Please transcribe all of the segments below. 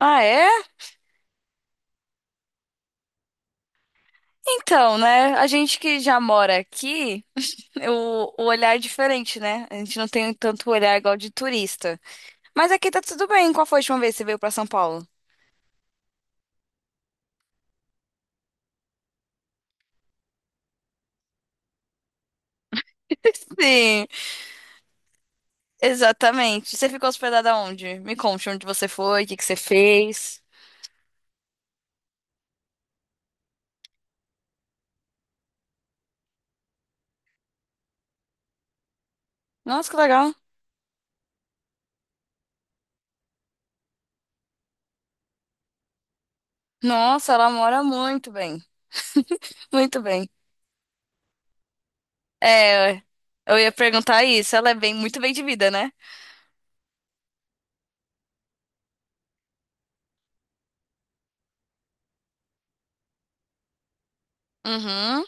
Ah, é? Então, né? A gente que já mora aqui, o olhar é diferente, né? A gente não tem tanto olhar igual de turista. Mas aqui tá tudo bem. Qual foi a última vez que você veio pra São Paulo? Sim, exatamente. Você ficou hospedada onde? Me conte onde você foi, o que que você fez. Nossa, que legal. Nossa, ela mora muito bem. Muito bem. É, eu ia perguntar isso. Ela é bem, muito bem de vida, né? Uhum.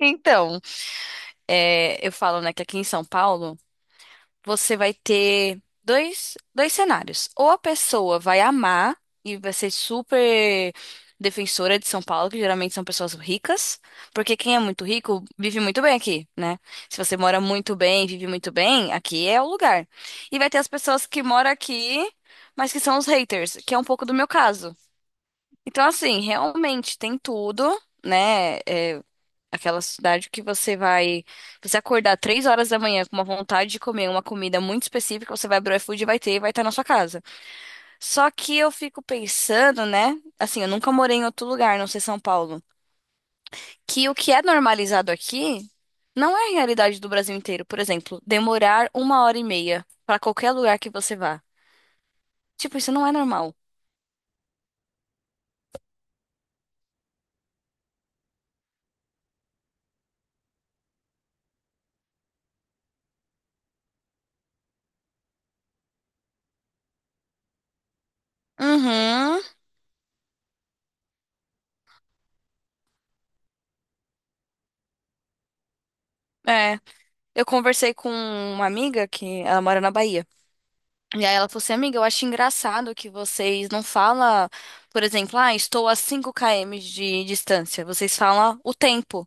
Então, é, eu falo, né, que aqui em São Paulo, você vai ter dois cenários. Ou a pessoa vai amar e vai ser super defensora de São Paulo, que geralmente são pessoas ricas, porque quem é muito rico vive muito bem aqui, né? Se você mora muito bem, vive muito bem, aqui é o lugar. E vai ter as pessoas que moram aqui, mas que são os haters, que é um pouco do meu caso. Então, assim, realmente tem tudo. Né? É, aquela cidade que você vai, você acordar 3 horas da manhã com uma vontade de comer uma comida muito específica, você vai abrir o iFood e vai ter e vai estar na sua casa. Só que eu fico pensando, né? Assim, eu nunca morei em outro lugar, não sei São Paulo, que o que é normalizado aqui não é a realidade do Brasil inteiro. Por exemplo, demorar uma hora e meia para qualquer lugar que você vá. Tipo, isso não é normal. Uhum. É. Eu conversei com uma amiga que ela mora na Bahia. E aí ela falou assim, amiga, eu acho engraçado que vocês não falam, por exemplo, ah, estou a 5 km de distância. Vocês falam o tempo.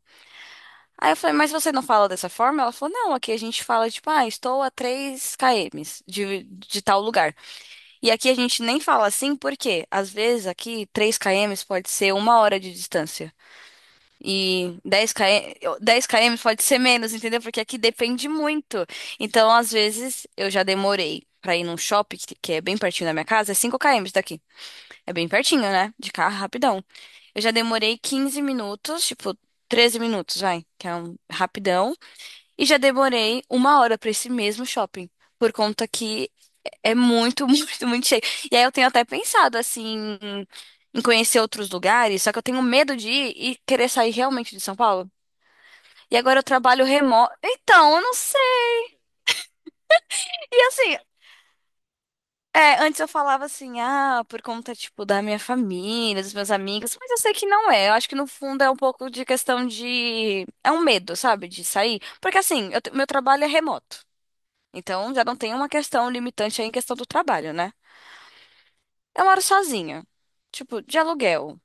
Aí eu falei, mas você não fala dessa forma? Ela falou, não, aqui a gente fala, tipo, ah, estou a 3 km de tal lugar. E aqui a gente nem fala assim, porque às vezes aqui 3 km pode ser uma hora de distância. E 10 km, 10 km pode ser menos, entendeu? Porque aqui depende muito. Então, às vezes, eu já demorei pra ir num shopping que é bem pertinho da minha casa, é 5 km daqui. É bem pertinho, né? De carro, rapidão. Eu já demorei 15 minutos, tipo, 13 minutos, vai, que é um rapidão. E já demorei uma hora pra esse mesmo shopping. Por conta que é muito, muito, muito cheio. E aí eu tenho até pensado, assim, em conhecer outros lugares, só que eu tenho medo de ir e querer sair realmente de São Paulo. E agora eu trabalho remoto. Então, eu não sei. E assim, é, antes eu falava assim, ah, por conta, tipo, da minha família, dos meus amigos, mas eu sei que não é. Eu acho que no fundo é um pouco de questão de. É um medo, sabe? De sair. Porque assim, meu trabalho é remoto. Então já não tem uma questão limitante aí em questão do trabalho, né? Eu moro sozinha. Tipo, de aluguel.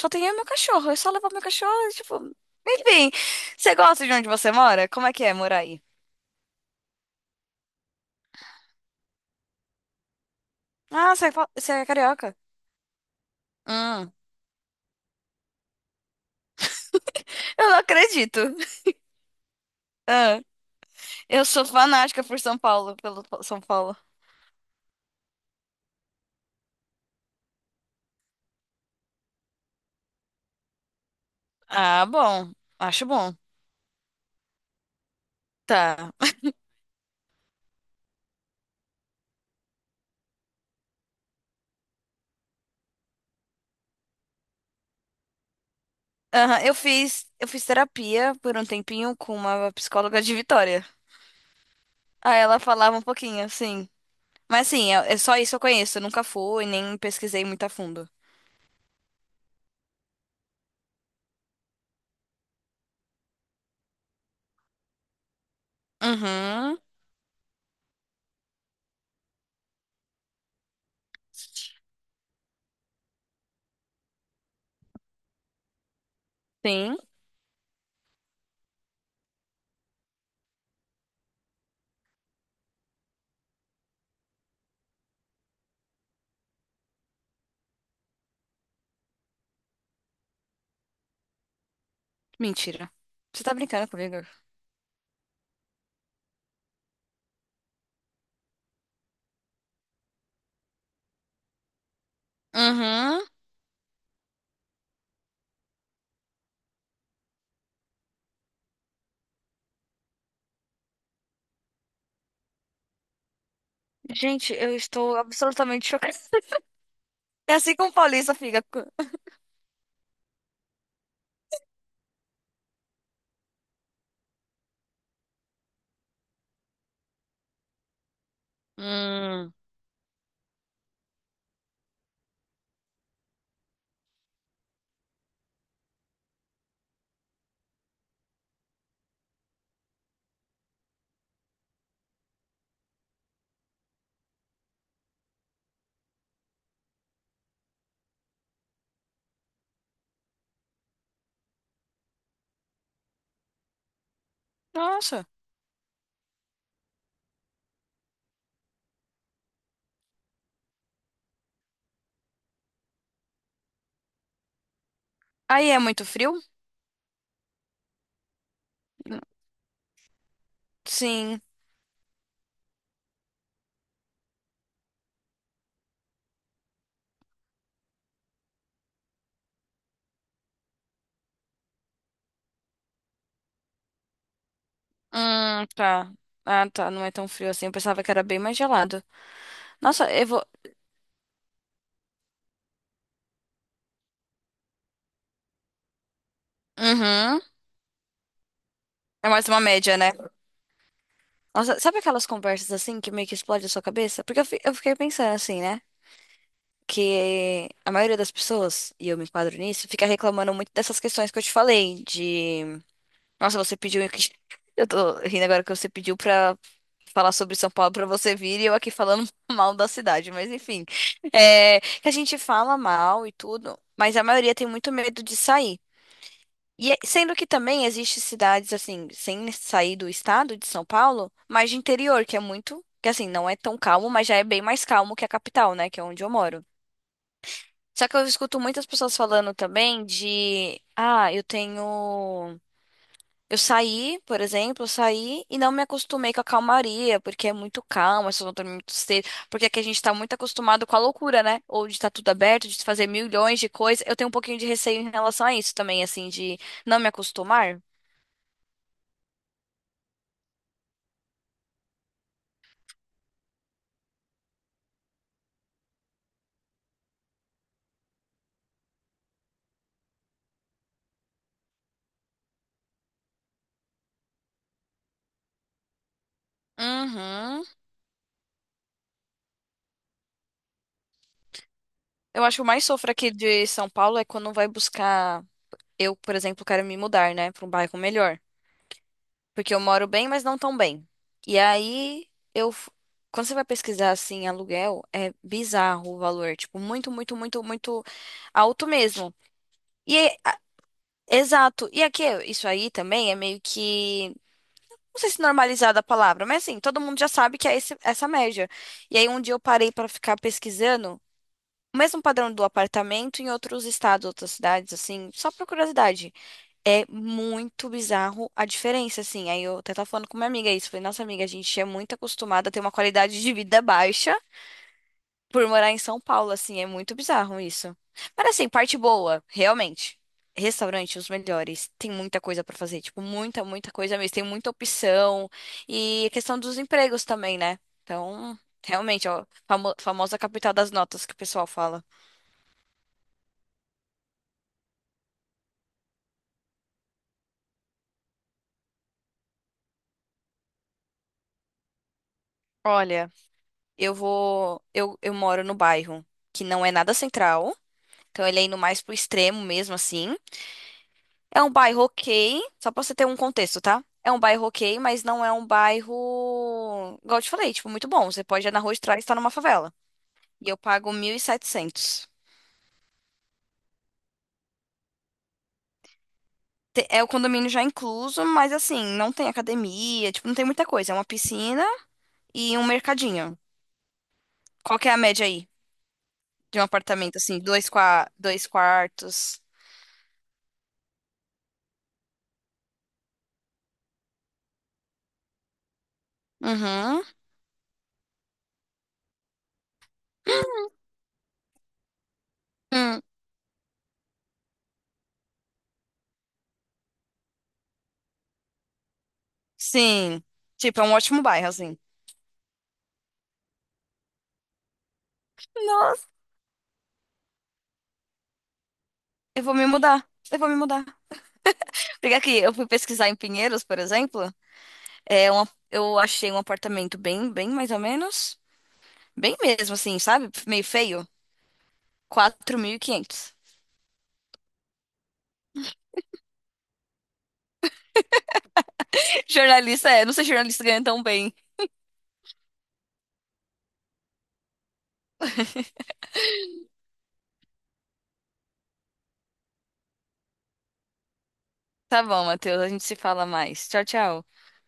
Só tenho eu e meu cachorro. Eu só levo meu cachorro, e, tipo. Enfim. Você gosta de onde você mora? Como é que é morar aí? Ah, você é carioca? Hum. Eu não acredito. Ah, eu sou fanática por São Paulo, pelo São Paulo. Ah, bom. Acho bom. Tá. Aham, eu fiz terapia por um tempinho com uma psicóloga de Vitória. Aí ela falava um pouquinho, sim. Mas sim, é só isso que eu conheço. Eu nunca fui, nem pesquisei muito a fundo. Uhum. Sim. Mentira. Você tá brincando comigo? Uhum. Gente, eu estou absolutamente chocada. É assim como o paulista fica. Hum. Nossa. Aí é muito frio? Sim. Tá. Ah, tá. Não é tão frio assim. Eu pensava que era bem mais gelado. Nossa, eu vou. Uhum. É mais uma média, né? Nossa, sabe aquelas conversas assim que meio que explode a sua cabeça? Porque eu fiquei pensando assim, né? Que a maioria das pessoas, e eu me enquadro nisso, fica reclamando muito dessas questões que eu te falei. De. Nossa, você pediu. Eu tô rindo agora que você pediu pra falar sobre São Paulo pra você vir e eu aqui falando mal da cidade, mas enfim. É, que a gente fala mal e tudo, mas a maioria tem muito medo de sair. E sendo que também existem cidades assim, sem sair do estado de São Paulo, mas de interior, que é muito, que assim, não é tão calmo, mas já é bem mais calmo que a capital, né, que é onde eu moro. Só que eu escuto muitas pessoas falando também de, ah, eu saí, por exemplo, eu saí e não me acostumei com a calmaria, porque é muito calma, se eu não dormir muito cedo, porque aqui a gente tá muito acostumado com a loucura, né? Ou de estar tudo aberto, de fazer milhões de coisas. Eu tenho um pouquinho de receio em relação a isso também, assim, de não me acostumar. Uhum. Eu acho que o mais sofro aqui de São Paulo é quando vai buscar. Eu, por exemplo, quero me mudar, né, para um bairro melhor. Porque eu moro bem, mas não tão bem. E aí, eu. f- quando você vai pesquisar assim, aluguel, é bizarro o valor. Tipo, muito, muito, muito, muito alto mesmo. E exato. E aqui, isso aí também é meio que. Não sei se normalizada a palavra, mas assim, todo mundo já sabe que é essa média. E aí, um dia eu parei para ficar pesquisando o mesmo padrão do apartamento em outros estados, outras cidades, assim, só por curiosidade. É muito bizarro a diferença, assim. Aí eu até tava falando com minha amiga isso. Falei, nossa amiga, a gente é muito acostumada a ter uma qualidade de vida baixa por morar em São Paulo, assim. É muito bizarro isso. Mas assim, parte boa, realmente. Restaurante, os melhores. Tem muita coisa pra fazer, tipo, muita, muita coisa mesmo. Tem muita opção. E a questão dos empregos também, né? Então, realmente, ó, famosa capital das notas que o pessoal fala. Olha, eu vou. Eu moro no bairro que não é nada central. Então ele é indo mais pro extremo mesmo, assim. É um bairro ok, só pra você ter um contexto, tá? É um bairro ok, mas não é um bairro, igual eu te falei, tipo, muito bom. Você pode ir na rua de trás e estar numa favela. E eu pago 1.700. É o condomínio já é incluso, mas assim, não tem academia, tipo, não tem muita coisa. É uma piscina e um mercadinho. Qual que é a média aí de um apartamento, assim, dois quartos? Uhum. Hum. Sim. Tipo, é um ótimo bairro, assim. Nossa, eu vou me mudar. Eu vou me mudar. Porque aqui, eu fui pesquisar em Pinheiros, por exemplo, eu achei um apartamento bem, bem mais ou menos, bem mesmo assim, sabe? Meio feio, 4.500. Jornalista é, não sei se jornalista ganha tão bem. Tá bom, Matheus, a gente se fala mais. Tchau, tchau.